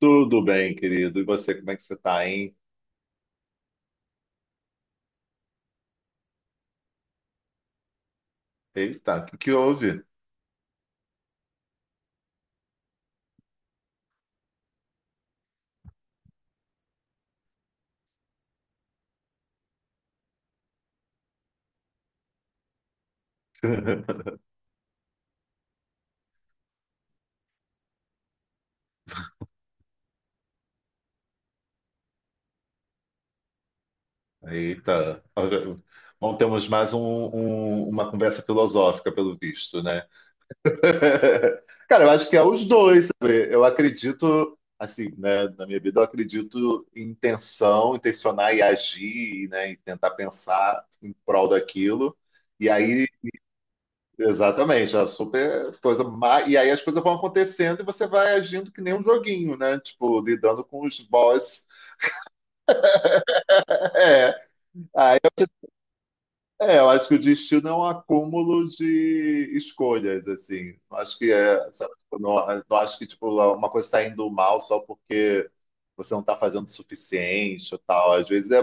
Tudo bem, querido. E você, como é que você tá, hein? Eita, o que houve? Eita. Bom, temos uma conversa filosófica, pelo visto, né? Cara, eu acho que é os dois, sabe? Eu acredito, assim, né, na minha vida, eu acredito em intenção, intencionar e agir, né, e tentar pensar em prol daquilo. E aí exatamente, é super coisa má. E aí as coisas vão acontecendo e você vai agindo que nem um joguinho, né? Tipo, lidando com os boss. É, eu acho que o destino é um acúmulo de escolhas, assim. Não acho que é, sabe, tipo, não acho que tipo, uma coisa está indo mal só porque você não está fazendo o suficiente ou tal. Às vezes,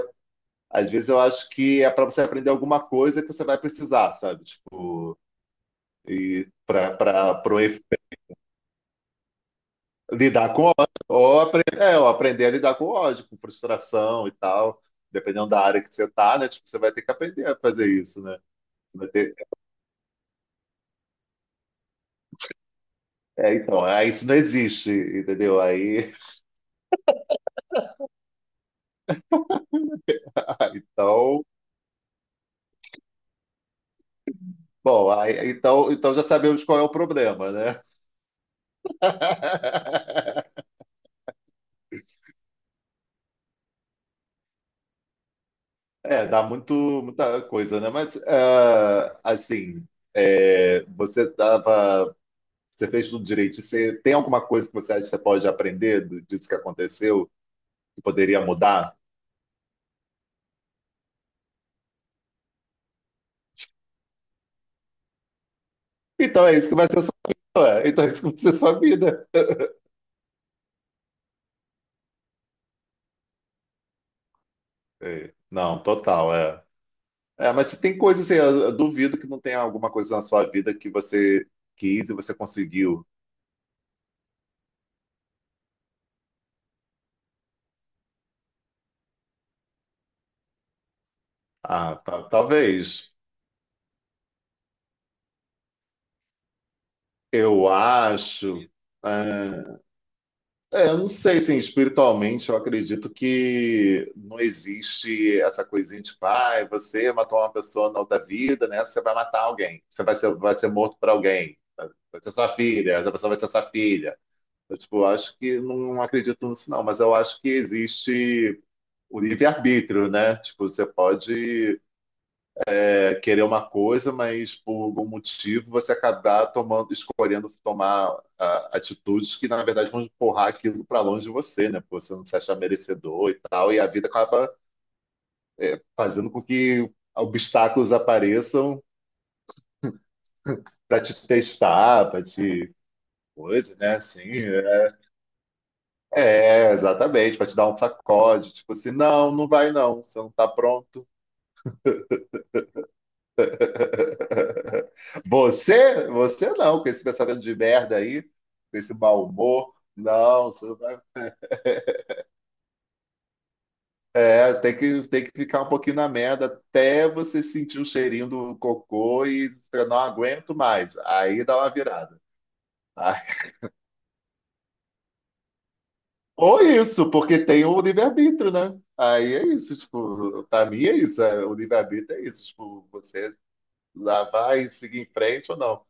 às vezes eu acho que é para você aprender alguma coisa que você vai precisar, sabe? Tipo, e para lidar com ódio, ou aprender a lidar com ódio, com frustração e tal, dependendo da área que você tá, né? Tipo, você vai ter que aprender a fazer isso, né? Você vai ter- É, então, aí isso não existe, entendeu? Aí, então, bom, então já sabemos qual é o problema, né? É, dá muito, muita coisa, né? Mas, ah, assim, você tava, você fez tudo direito. Você tem alguma coisa que você acha que você pode aprender disso que aconteceu, que poderia mudar? Então é isso que vai ser a sua vida. Ué. Então é isso que vai ser a sua vida. É. Não, total, é. É, mas se tem coisa assim, eu duvido que não tenha alguma coisa na sua vida que você quis e você conseguiu. Ah, talvez. Eu acho. É, eu não sei, assim, espiritualmente eu acredito que não existe essa coisinha de pai, você matou uma pessoa na outra vida, né? Você vai matar alguém, vai ser morto por alguém, vai ser sua filha, essa pessoa vai ser sua filha. Eu, tipo, eu acho que não acredito nisso, não, mas eu acho que existe o livre-arbítrio, né? Tipo, você pode querer uma coisa, mas por algum motivo você acabar tomando, escolhendo tomar ah, atitudes que, na verdade, vão empurrar aquilo para longe de você, né? Porque você não se achar merecedor e tal, e a vida acaba fazendo com que obstáculos apareçam para te testar, para te coisa, né? Assim, é, É, exatamente, para te dar um sacode, tipo assim, não vai não, você não tá pronto. Você não, com esse pensamento de merda aí, com esse mau humor, não, você não vai. É, tem que ficar um pouquinho na merda até você sentir o cheirinho do cocô e você não aguento mais. Aí dá uma virada. Aí- Ou isso, porque tem o livre-arbítrio, né? Aí é isso, tipo, pra mim é isso, é, o livre-arbítrio é isso, tipo, você lá vai seguir em frente ou não.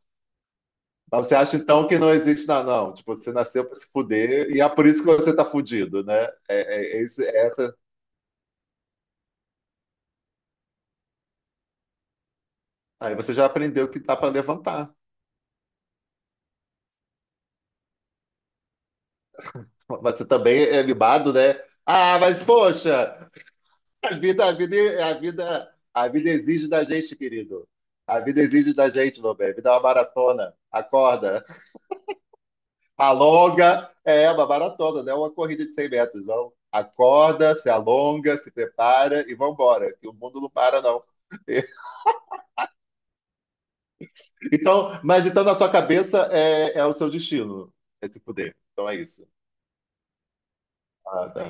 Mas você acha então que não existe nada, não? Tipo, você nasceu para se fuder e é por isso que você tá fudido, né? É essa. Aí você já aprendeu que dá para levantar. Mas você também é libado, né? Ah, mas poxa, a vida, a vida, a vida exige da gente, querido. A vida exige da gente, meu bem. A vida é uma maratona. Acorda. Alonga. É uma maratona, não é uma corrida de 100 metros, não. Acorda, se alonga, se prepara e vambora. Que o mundo não para, não. Então, mas então na sua cabeça é o seu destino, é se fuder. Então é isso. Ah, tá.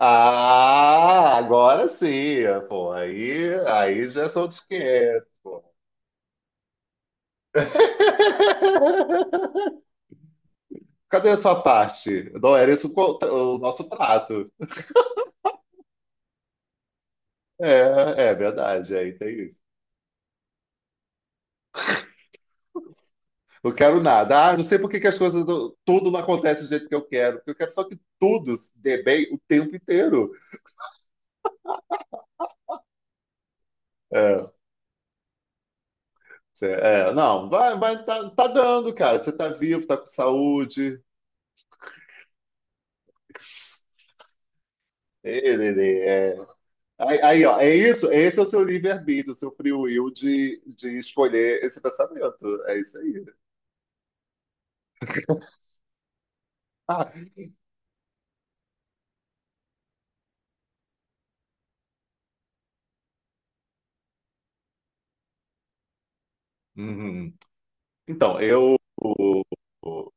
Ah, agora sim, pô. Aí já sou de quieto, pô. Cadê a sua parte? Não era isso o nosso trato. É, é verdade, aí tem isso. Não quero nada. Ah, não sei por que que as coisas, tudo não acontece do jeito que eu quero. Porque eu quero só que tudo se dê bem o tempo inteiro. É, não, tá dando, cara. Você tá vivo, tá com saúde. Ele é. Ó, é isso. Esse é o seu livre-arbítrio, o seu free will de escolher esse pensamento. É isso aí. Ah, uhum. Então, eu. O- o-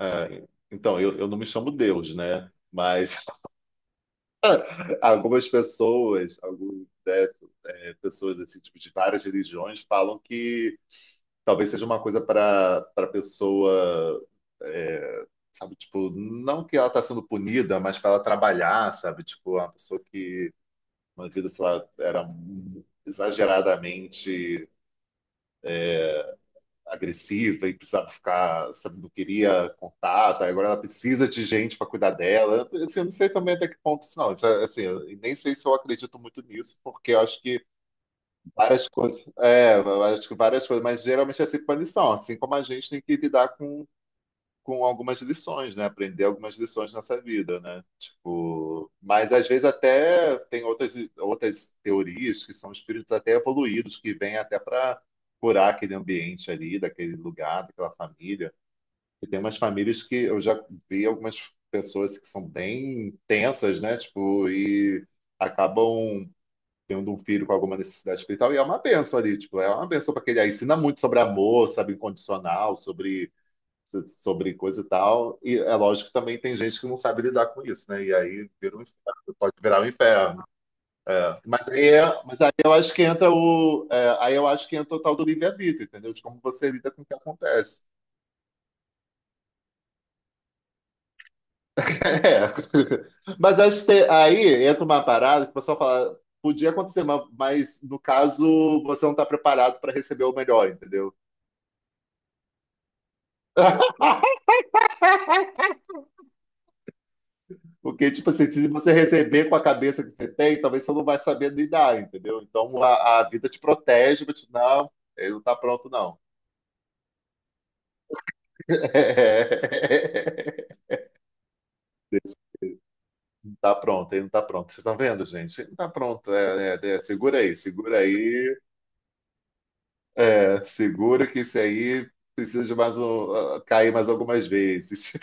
é, então, eu não me chamo Deus, né? Mas algumas pessoas, algumas, né, é, pessoas assim, tipo, de várias religiões falam que talvez seja uma coisa para pessoa é, sabe tipo não que ela está sendo punida mas para ela trabalhar, sabe, tipo uma pessoa que uma vida, sei lá, era exageradamente agressiva e precisava ficar, sabe, não queria contato. Aí agora ela precisa de gente para cuidar dela. Assim, eu não sei também até que ponto isso, é, assim, eu nem sei se eu acredito muito nisso, porque eu acho que várias coisas, é, eu acho que várias coisas, mas geralmente é assim punição, assim como a gente tem que lidar com algumas lições, né? Aprender algumas lições nessa vida, né? Tipo, mas às vezes até tem outras, outras teorias, que são espíritos até evoluídos, que vêm até para curar aquele ambiente ali, daquele lugar, daquela família. E tem umas famílias que eu já vi, algumas pessoas que são bem tensas, né? Tipo, e acabam tendo um filho com alguma necessidade espiritual, e é uma bênção ali, tipo, é uma bênção para aquele. Aí ensina muito sobre amor, sabe, incondicional, sobre coisa e tal. E é lógico que também tem gente que não sabe lidar com isso, né? E aí vira um inferno, pode virar um inferno. É. Mas, mas aí eu acho que entra aí eu acho que entra o tal do livre-arbítrio, entendeu? De como você lida com o que acontece. É. Mas acho que aí entra uma parada que o pessoal fala. Podia acontecer, mas no caso você não está preparado para receber o melhor, entendeu? Porque, tipo assim, se você receber com a cabeça que você tem, talvez você não vai saber lidar, entendeu? Então a vida te protege, mas não, ele não tá pronto, não. Não tá pronto, ele não tá pronto. Vocês estão vendo, gente? Ele não tá pronto. Segura aí, segura aí. É, segura que isso aí precisa de mais um, ah, cair mais algumas vezes.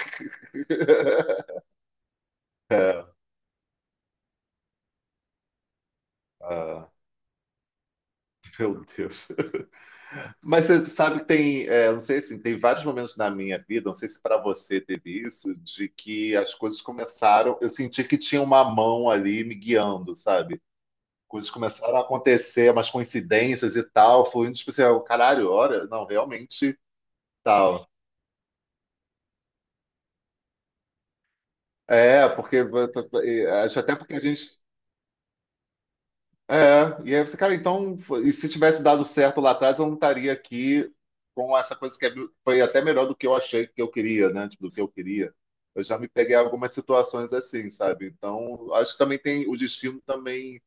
Ah, meu Deus. Mas você sabe que tem, é, não sei se tem vários momentos na minha vida, não sei se para você teve isso, de que as coisas começaram, eu senti que tinha uma mão ali me guiando, sabe? Coisas começaram a acontecer, umas coincidências e tal, fluindo, tipo assim, ah, caralho, olha, não, realmente tal. É, porque acho até porque a gente é, e aí você, cara, então, e se tivesse dado certo lá atrás, eu não estaria aqui com essa coisa foi até melhor do que eu achei que eu queria, né? Tipo, do que eu queria. Eu já me peguei em algumas situações assim, sabe? Então, acho que também tem o destino também.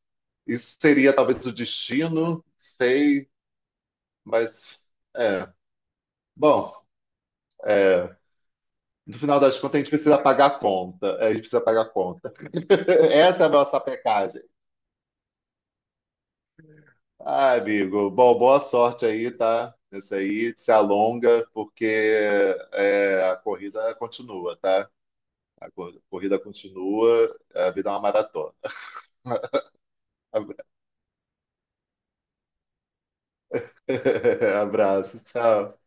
Isso seria talvez o destino, sei, mas é. Bom, é, no final das contas, a gente precisa pagar a conta. É, a gente precisa pagar a conta. Essa é a nossa pecagem. Ah, amigo, bom, boa sorte aí, tá? Esse aí se alonga, porque é, a corrida continua, tá? Corrida continua, a vida é uma maratona. Abra- Abraço, tchau.